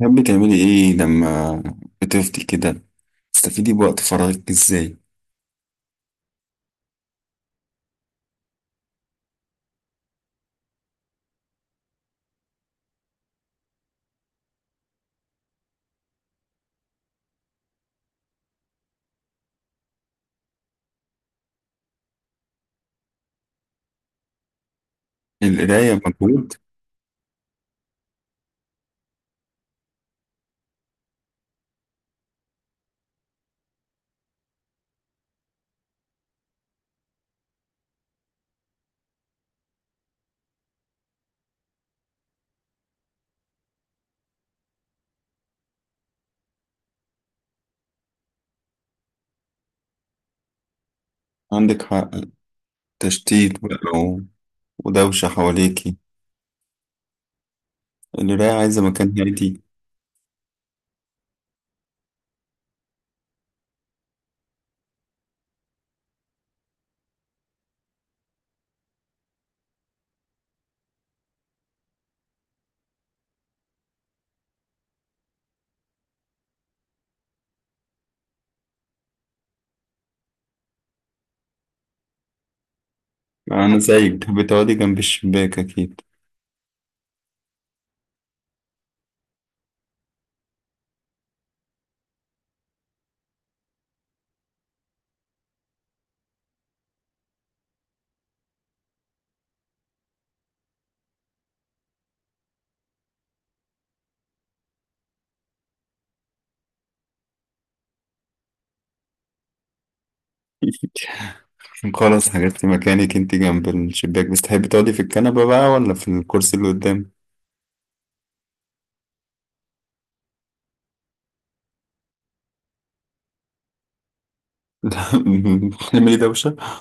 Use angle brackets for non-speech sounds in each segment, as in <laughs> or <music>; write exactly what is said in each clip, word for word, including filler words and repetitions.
تحبي تعملي ايه لما بتفضي كده؟ تستفيدي بوقت فراغك ازاي؟ القراية مجهود؟ عندك حق. تشتيت بقى و- ودوشة حواليكي. القراية عايزة مكان هادي. انا زيك بتحبي تقعدي جنب الشباك اكيد. <laughs> خلاص، حجزتي مكانك انت جنب الشباك. بس تحبي تقعدي في الكنبة بقى ولا في الكرسي اللي قدام؟ <laughs> لا، تعملي دوشة. <laughs>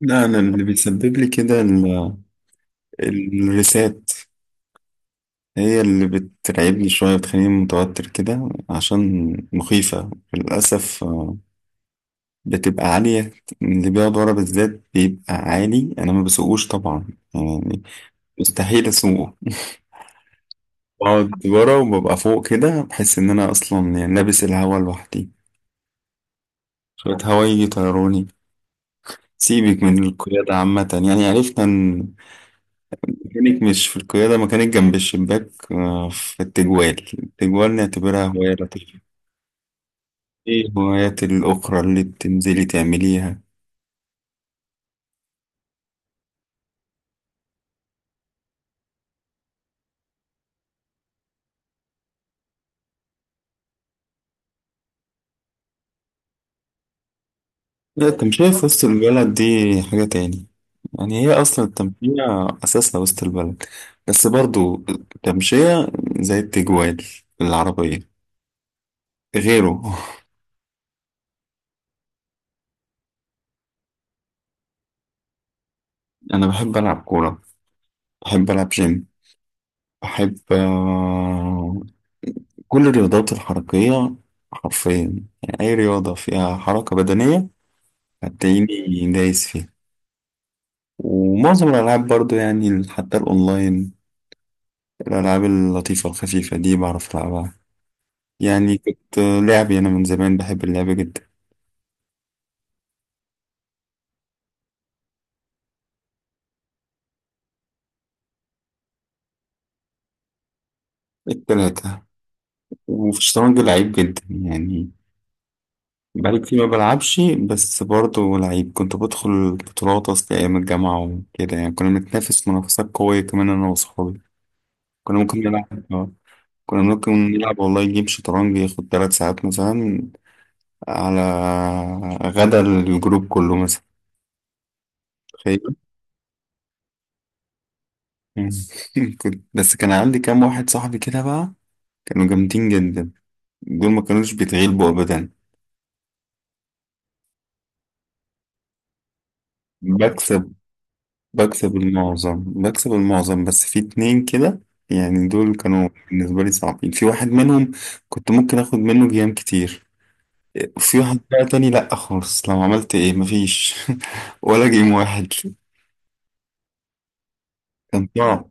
لا، انا اللي بيسبب لي كده ال- الريسات. هي اللي بترعبني شوية، بتخليني متوتر كده. عشان مخيفة للأسف، آه، بتبقى عالية. اللي بيقعد ورا بالذات بيبقى عالي. أنا ما بسوقوش طبعا، يعني مستحيل أسوقه. بقعد ورا وببقى فوق كده، بحس إن أنا أصلا يعني لابس الهوا لوحدي، شوية هوا يجي يطيروني. سيبك من القيادة عامة، يعني عرفنا إن مكانك مش في القيادة، مكانك جنب الشباك، آه، في التجوال. التجوال نعتبرها هواية لطيفة. ايه الهوايات الأخرى اللي بتنزلي تعمليها؟ لا، التمشية في وسط البلد دي حاجة تاني. يعني هي أصلا التمشية أساسها وسط البلد، بس برضو التمشية زي التجوال، العربية غيره. <laughs> أنا بحب ألعب كورة، بحب ألعب جيم، بحب آه، كل الرياضات الحركية. حرفيا يعني أي رياضة فيها حركة بدنية هتلاقيني دايس فيها. ومعظم الألعاب برضو، يعني حتى الأونلاين، الألعاب اللطيفة الخفيفة دي بعرف ألعبها. يعني كنت لعبي أنا من زمان، بحب اللعب جدا. التلاتة. وفي الشطرنج لعيب جدا يعني، بقالي كتير ما بلعبش، بس برضه لعيب. كنت بدخل بطولات أصل أيام الجامعة وكده. يعني كنا بنتنافس منافسات قوية كمان أنا وصحابي. كنا ممكن نلعب آه. كنا ممكن نلعب والله جيم شطرنج ياخد تلات ساعات مثلا، على غدا الجروب كله مثلا، تخيل. <laughs> مم. كنت بس كان عندي كام واحد صاحبي كده بقى، كانوا جامدين جدا، دول ما كانوش بيتغلبوا ابدا. بكسب بكسب المعظم بكسب المعظم بس في اتنين كده، يعني دول كانوا بالنسبة لي صعبين. في واحد منهم كنت ممكن اخد منه جيام كتير، وفي واحد بقى تاني لأ خالص، لو عملت ايه مفيش. <laughs> ولا جيم واحد، كان صعب.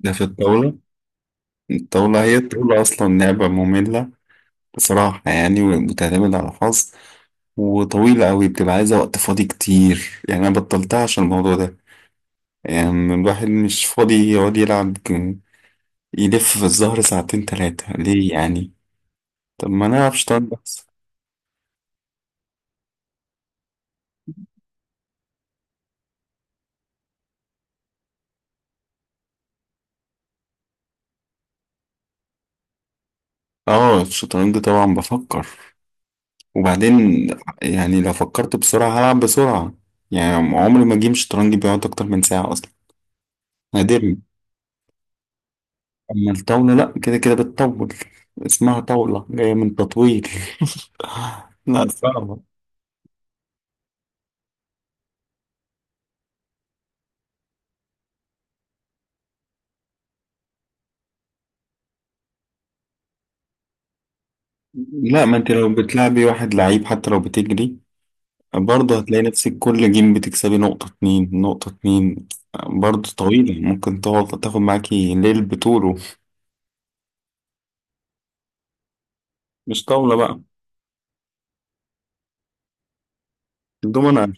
ده في الطاولة. الطاولة، هي الطاولة أصلا لعبة مملة بصراحة يعني، وبتعتمد على الحظ، وطويلة أوي، بتبقى عايزة وقت فاضي كتير. يعني أنا بطلتها عشان الموضوع ده، يعني الواحد مش فاضي يقعد يلعب ج- يلف في الزهر ساعتين تلاتة ليه يعني؟ طب ما نلعب شطرنج بس. اه، الشطرنج طبعا بفكر وبعدين، يعني لو فكرت بسرعة هلعب بسرعة. يعني عمري ما جيم شطرنج بيقعد أكتر من ساعة أصلا، نادرا. أما الطاولة لأ، كده كده بتطول، اسمها طاولة جاية من تطويل. <laughs> لا، صعبة. لا، ما انت لو بتلعبي واحد لعيب، حتى لو بتجري برضه هتلاقي نفسك كل جيم بتكسبي نقطة اتنين نقطة اتنين. برضه طويلة، ممكن تقعد تاخد معاكي ليل بطوله. مش طاولة بقى الدومنة.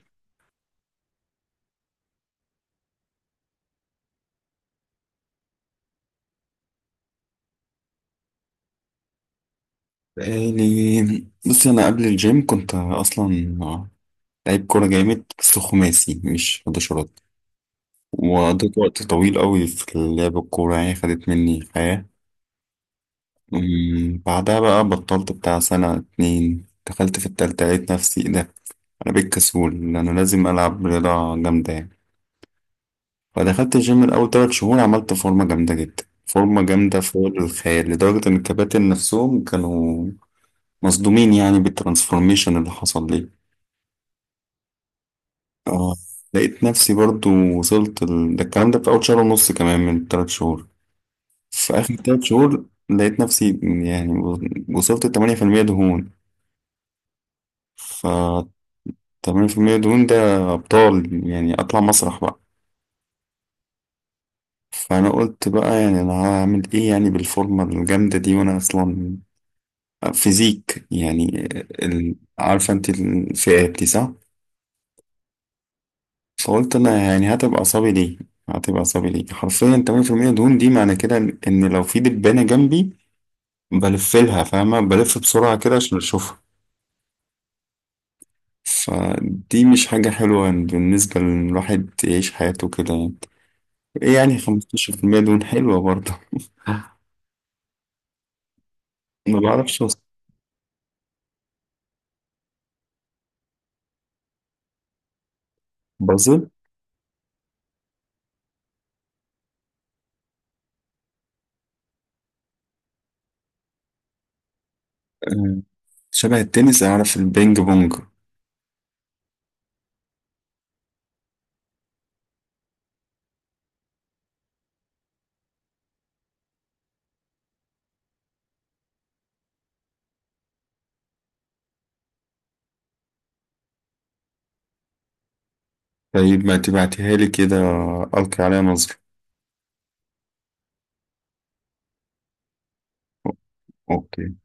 بقالي، بصي، أنا قبل الجيم كنت أصلا لعيب كورة جامد، بس خماسي مش حداشرات. وقضيت وقت طويل قوي في لعب الكورة، يعني خدت مني حياة. أمم، بعدها بقى بطلت بتاع سنة اتنين، دخلت في التالتة لقيت نفسي إيه ده، أنا بقيت كسول لأنه لازم ألعب رياضة جامدة يعني. فدخلت الجيم الأول تلات شهور، عملت فورمة جامدة جدا، فورمة جامدة فوق الخيال، لدرجة إن الكباتن نفسهم كانوا مصدومين يعني بالترانسفورميشن اللي حصل لي. آه لقيت نفسي برضو وصلت ال... ده الكلام ده في أول شهر ونص كمان من التلات شهور. في آخر تلات شهور لقيت نفسي يعني وصلت لتمانية في المية دهون. فالتمانية في المية دهون ده أبطال، يعني أطلع مسرح بقى. فأنا قلت بقى يعني أنا هعمل إيه يعني بالفورمة الجامدة دي، وأنا أصلا فيزيك يعني، ال- عارفة انت الفئات دي صح؟ فقلت انا يعني هتبقى اعصابي ليه؟ هتبقى اعصابي ليه؟ حرفيا تمانية في المية دهون، دي معنى كده ان إن لو في دبانة جنبي بلف لها، فاهمة؟ بلف بسرعة كده عشان اشوفها. فدي مش حاجة حلوة بالنسبة للواحد يعيش حياته كده يعني. ايه يعني خمسة عشر في المية دهون حلوة برضه. <laughs> ما بعرفش أوصل. بازل؟ آه، شبه التنس؟ اعرف البينج بونج. طيب ما تبعتيها لي كده، القي عليها نظرة. اوكي.